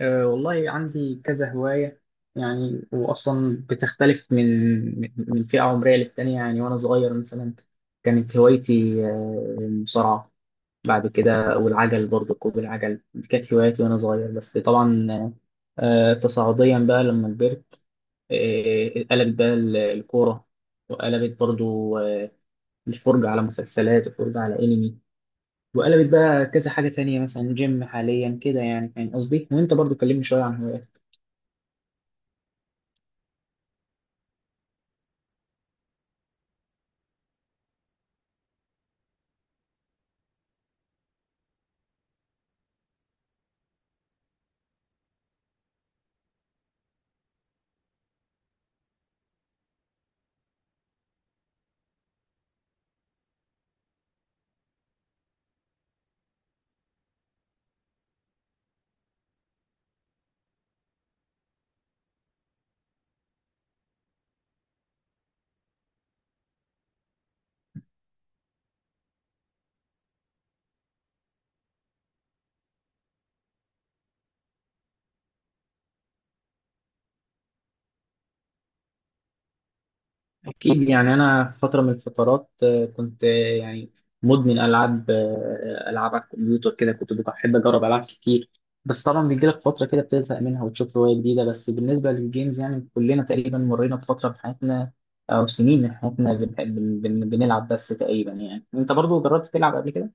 والله عندي كذا هواية، يعني وأصلا بتختلف من فئة عمرية للتانية. يعني وأنا صغير مثلا كانت هوايتي المصارعة. بعد كده والعجل، برضه ركوب العجل دي كانت هواياتي وأنا صغير. بس طبعا تصاعديا بقى لما كبرت قلبت بقى الكورة، وقلبت برضه آه، الفرجة على مسلسلات والفرجة على أنمي. وقلبت بقى كذا حاجة تانية، مثلا جيم حاليا كده، يعني فاهم قصدي. وأنت برضه كلمني شوية عن هواياتك. أكيد، يعني أنا في فترة من الفترات كنت يعني مدمن ألعاب، ألعاب على الكمبيوتر كده. كنت بحب أجرب ألعاب كتير، بس طبعا بيجيلك فترة كده بتزهق منها وتشوف هواية جديدة. بس بالنسبة للجيمز يعني كلنا تقريبا مرينا بفترة في حياتنا أو سنين من حياتنا بنلعب. بس تقريبا، يعني أنت برضو جربت تلعب قبل كده؟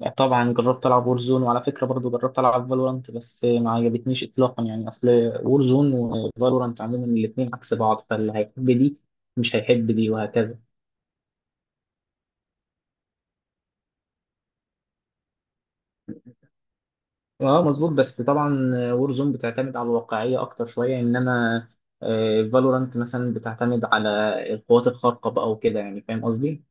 لا طبعا جربت العب وورزون، وعلى فكره برضو جربت العب فالورانت بس ما عجبتنيش اطلاقا. يعني اصل وورزون وفالورانت عموما الاثنين عكس بعض، فاللي هيحب دي مش هيحب دي وهكذا. اه مظبوط. بس طبعا وورزون بتعتمد على الواقعيه اكتر شويه، انما فالورانت مثلا بتعتمد على القوات الخارقه بقى وكده، يعني فاهم قصدي.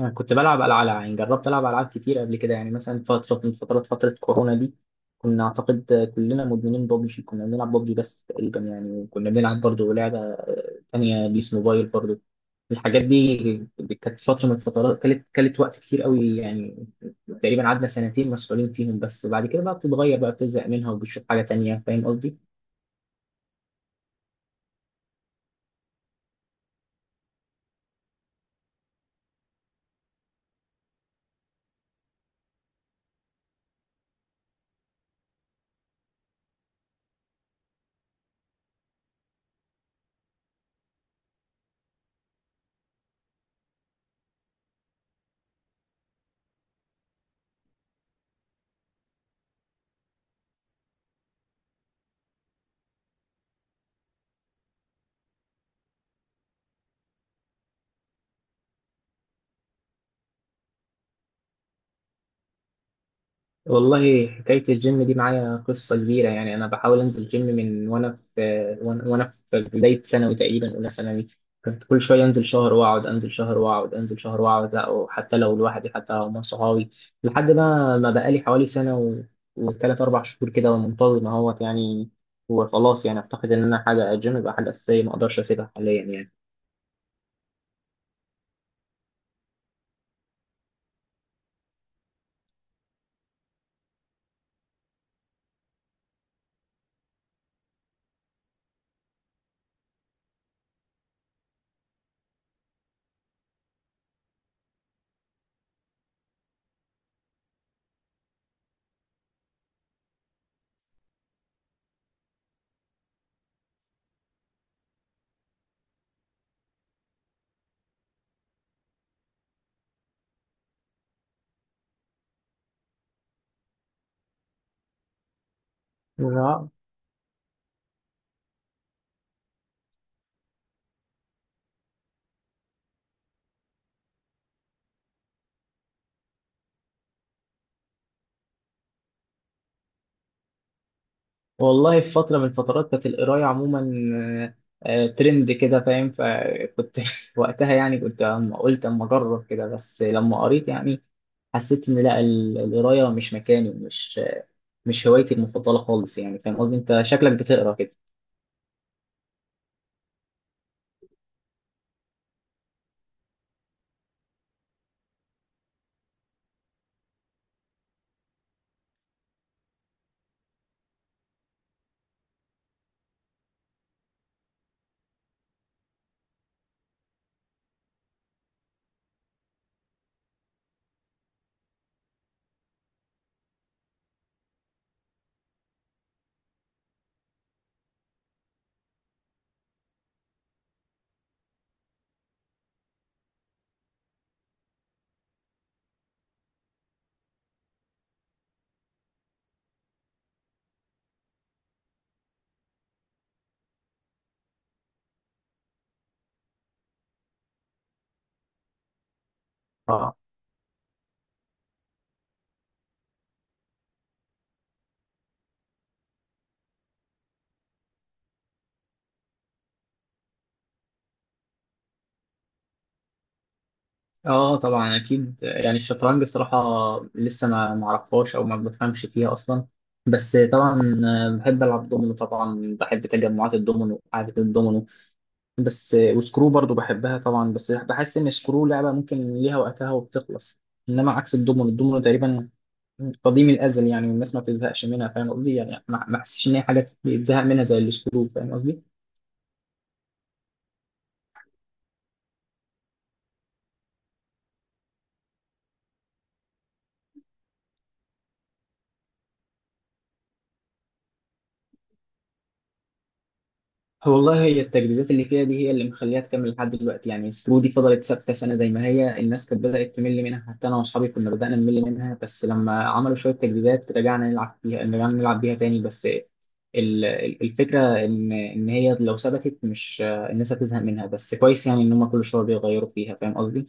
أنا كنت بلعب ألعاب، يعني جربت ألعب ألعاب كتير قبل كده. يعني مثلا فترة من فترات فترة كورونا دي كنا أعتقد كلنا مدمنين بابجي، كنا بنلعب بابجي. بس تقريبا يعني وكنا بنلعب برضه لعبة تانية بيس موبايل برضه. الحاجات دي كانت فترة من الفترات، كانت وقت كتير قوي يعني. تقريبا قعدنا سنتين مسؤولين فيهم، بس بعد كده بقى بتتغير، بقى بتزهق منها وبتشوف حاجة تانية، فاهم قصدي؟ والله حكاية الجيم دي معايا قصة كبيرة. يعني أنا بحاول أنزل جيم من وأنا في وأنا في بداية ثانوي، تقريبا أولى ثانوي، كنت كل شوية أنزل شهر وأقعد، أنزل شهر وأقعد، أنزل شهر وأقعد، لا وحتى لو لوحدي حتى لو مع صحابي. لحد ما ما بقالي حوالي سنة وثلاث أربع شهور كده منتظم أهوت يعني. وخلاص، يعني أعتقد إن أنا حاجة الجيم بقى حاجة أساسية ما أقدرش أسيبها حاليا يعني. والله في فترة من الفترات كانت القراية عموما ترند كده فاهم. فكنت وقتها، يعني كنت قلت أما أجرب كده. بس لما قريت يعني حسيت إن لا، القراية مش مكاني، مش هوايتي المفضلة خالص، يعني فاهم قصدي. أنت شكلك بتقرا كده. اه اه طبعا اكيد. يعني الشطرنج الصراحه لسه ما معرفهاش او ما بفهمش فيها اصلا. بس طبعا بحب العب دومينو، طبعا بحب تجمعات الدومينو وقعده الدومينو بس. وسكرو برضو بحبها طبعا، بس بحس ان سكرو لعبه ممكن ليها وقتها وبتخلص. انما عكس الدومينو، الدومينو تقريبا قديم الازل يعني والناس ما بتزهقش منها، فاهم قصدي. يعني ما احسش ان هي حاجه بيتزهق منها زي السكرو، فاهم قصدي. هو والله هي التجديدات اللي فيها دي هي اللي مخليها تكمل لحد دلوقتي. يعني سكرو دي فضلت ثابته سنه زي ما هي، الناس كانت بدات تمل منها، حتى انا واصحابي كنا بدانا نمل منها. بس لما عملوا شويه تجديدات رجعنا نلعب فيها، رجعنا نلعب بيها تاني. بس الفكره ان ان هي لو ثبتت مش الناس هتزهق منها. بس كويس يعني ان هم كل شويه بيغيروا فيها، فاهم قصدي.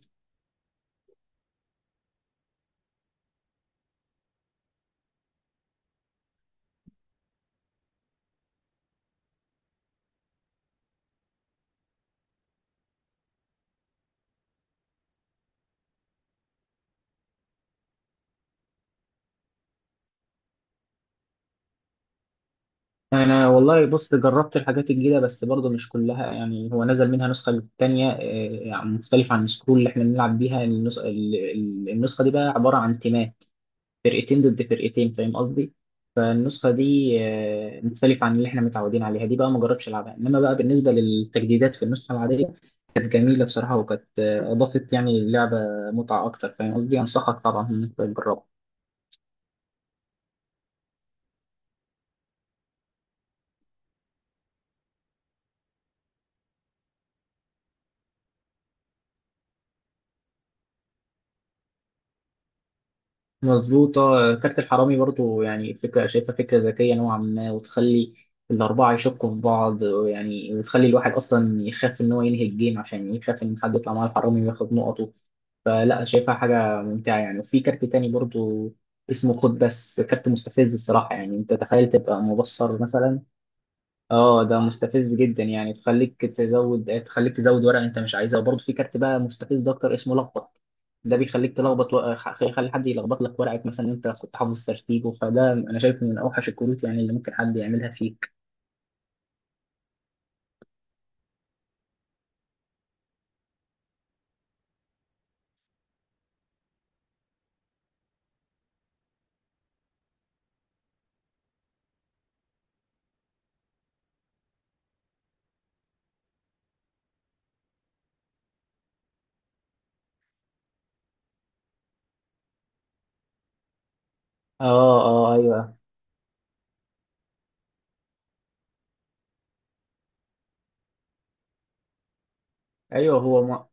انا والله بص جربت الحاجات الجديده بس برضه مش كلها. يعني هو نزل منها نسخه تانية يعني مختلفه عن السكرول اللي احنا بنلعب بيها. النسخه النسخه دي بقى عباره عن تيمات، فرقتين ضد فرقتين، فاهم قصدي. فالنسخه دي مختلفه عن اللي احنا متعودين عليها، دي بقى ما جربتش العبها. انما بقى بالنسبه للتجديدات في النسخه العاديه كانت جميله بصراحه، وكانت اضافت يعني اللعبه متعه اكتر، فاهم قصدي. انصحك طبعا انك تجربها. مظبوطة. كارت الحرامي برضو يعني فكرة شايفها فكرة ذكية نوعا ما، وتخلي الأربعة يشكوا في بعض، يعني وتخلي الواحد أصلا يخاف إن هو ينهي الجيم عشان يخاف إن حد يطلع معاه الحرامي وياخد نقطه. فلا شايفها حاجة ممتعة يعني. وفي كارت تاني برضو اسمه خد، بس كارت مستفز الصراحة. يعني أنت تخيل تبقى مبصر مثلا. اه ده مستفز جدا، يعني تخليك تزود، تخليك تزود ورقه انت مش عايزها. وبرضه في كارت بقى مستفز اكتر اسمه لخبط. ده بيخليك تلخبط يخلي حد يلخبط لك ورقك، مثلا انت كنت حافظ ترتيبه. فده انا شايفه من اوحش الكروت يعني اللي ممكن حد يعملها فيك. اه اه ايوه. ايوه هو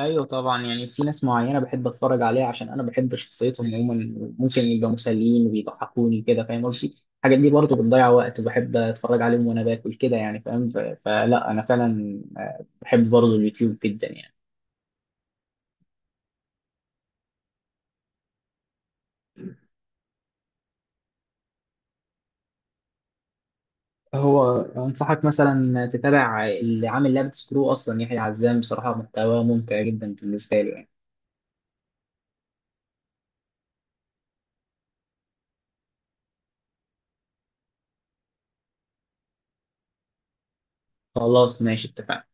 ايوه طبعا. يعني في ناس معينه بحب اتفرج عليها عشان انا بحب شخصيتهم عموما، ممكن يبقى مسليين وبيضحكوني كده، فاهم قصدي. الحاجات دي برضه بتضيع وقت، وبحب اتفرج عليهم وانا باكل كده يعني فاهم. فلا انا فعلا بحب برضه اليوتيوب جدا يعني. هو انصحك مثلا تتابع اللي عامل لعبه سكرو اصلا، يحيى عزام، بصراحه محتواه ممتع جدا بالنسبه له يعني. خلاص ماشي، اتفقنا.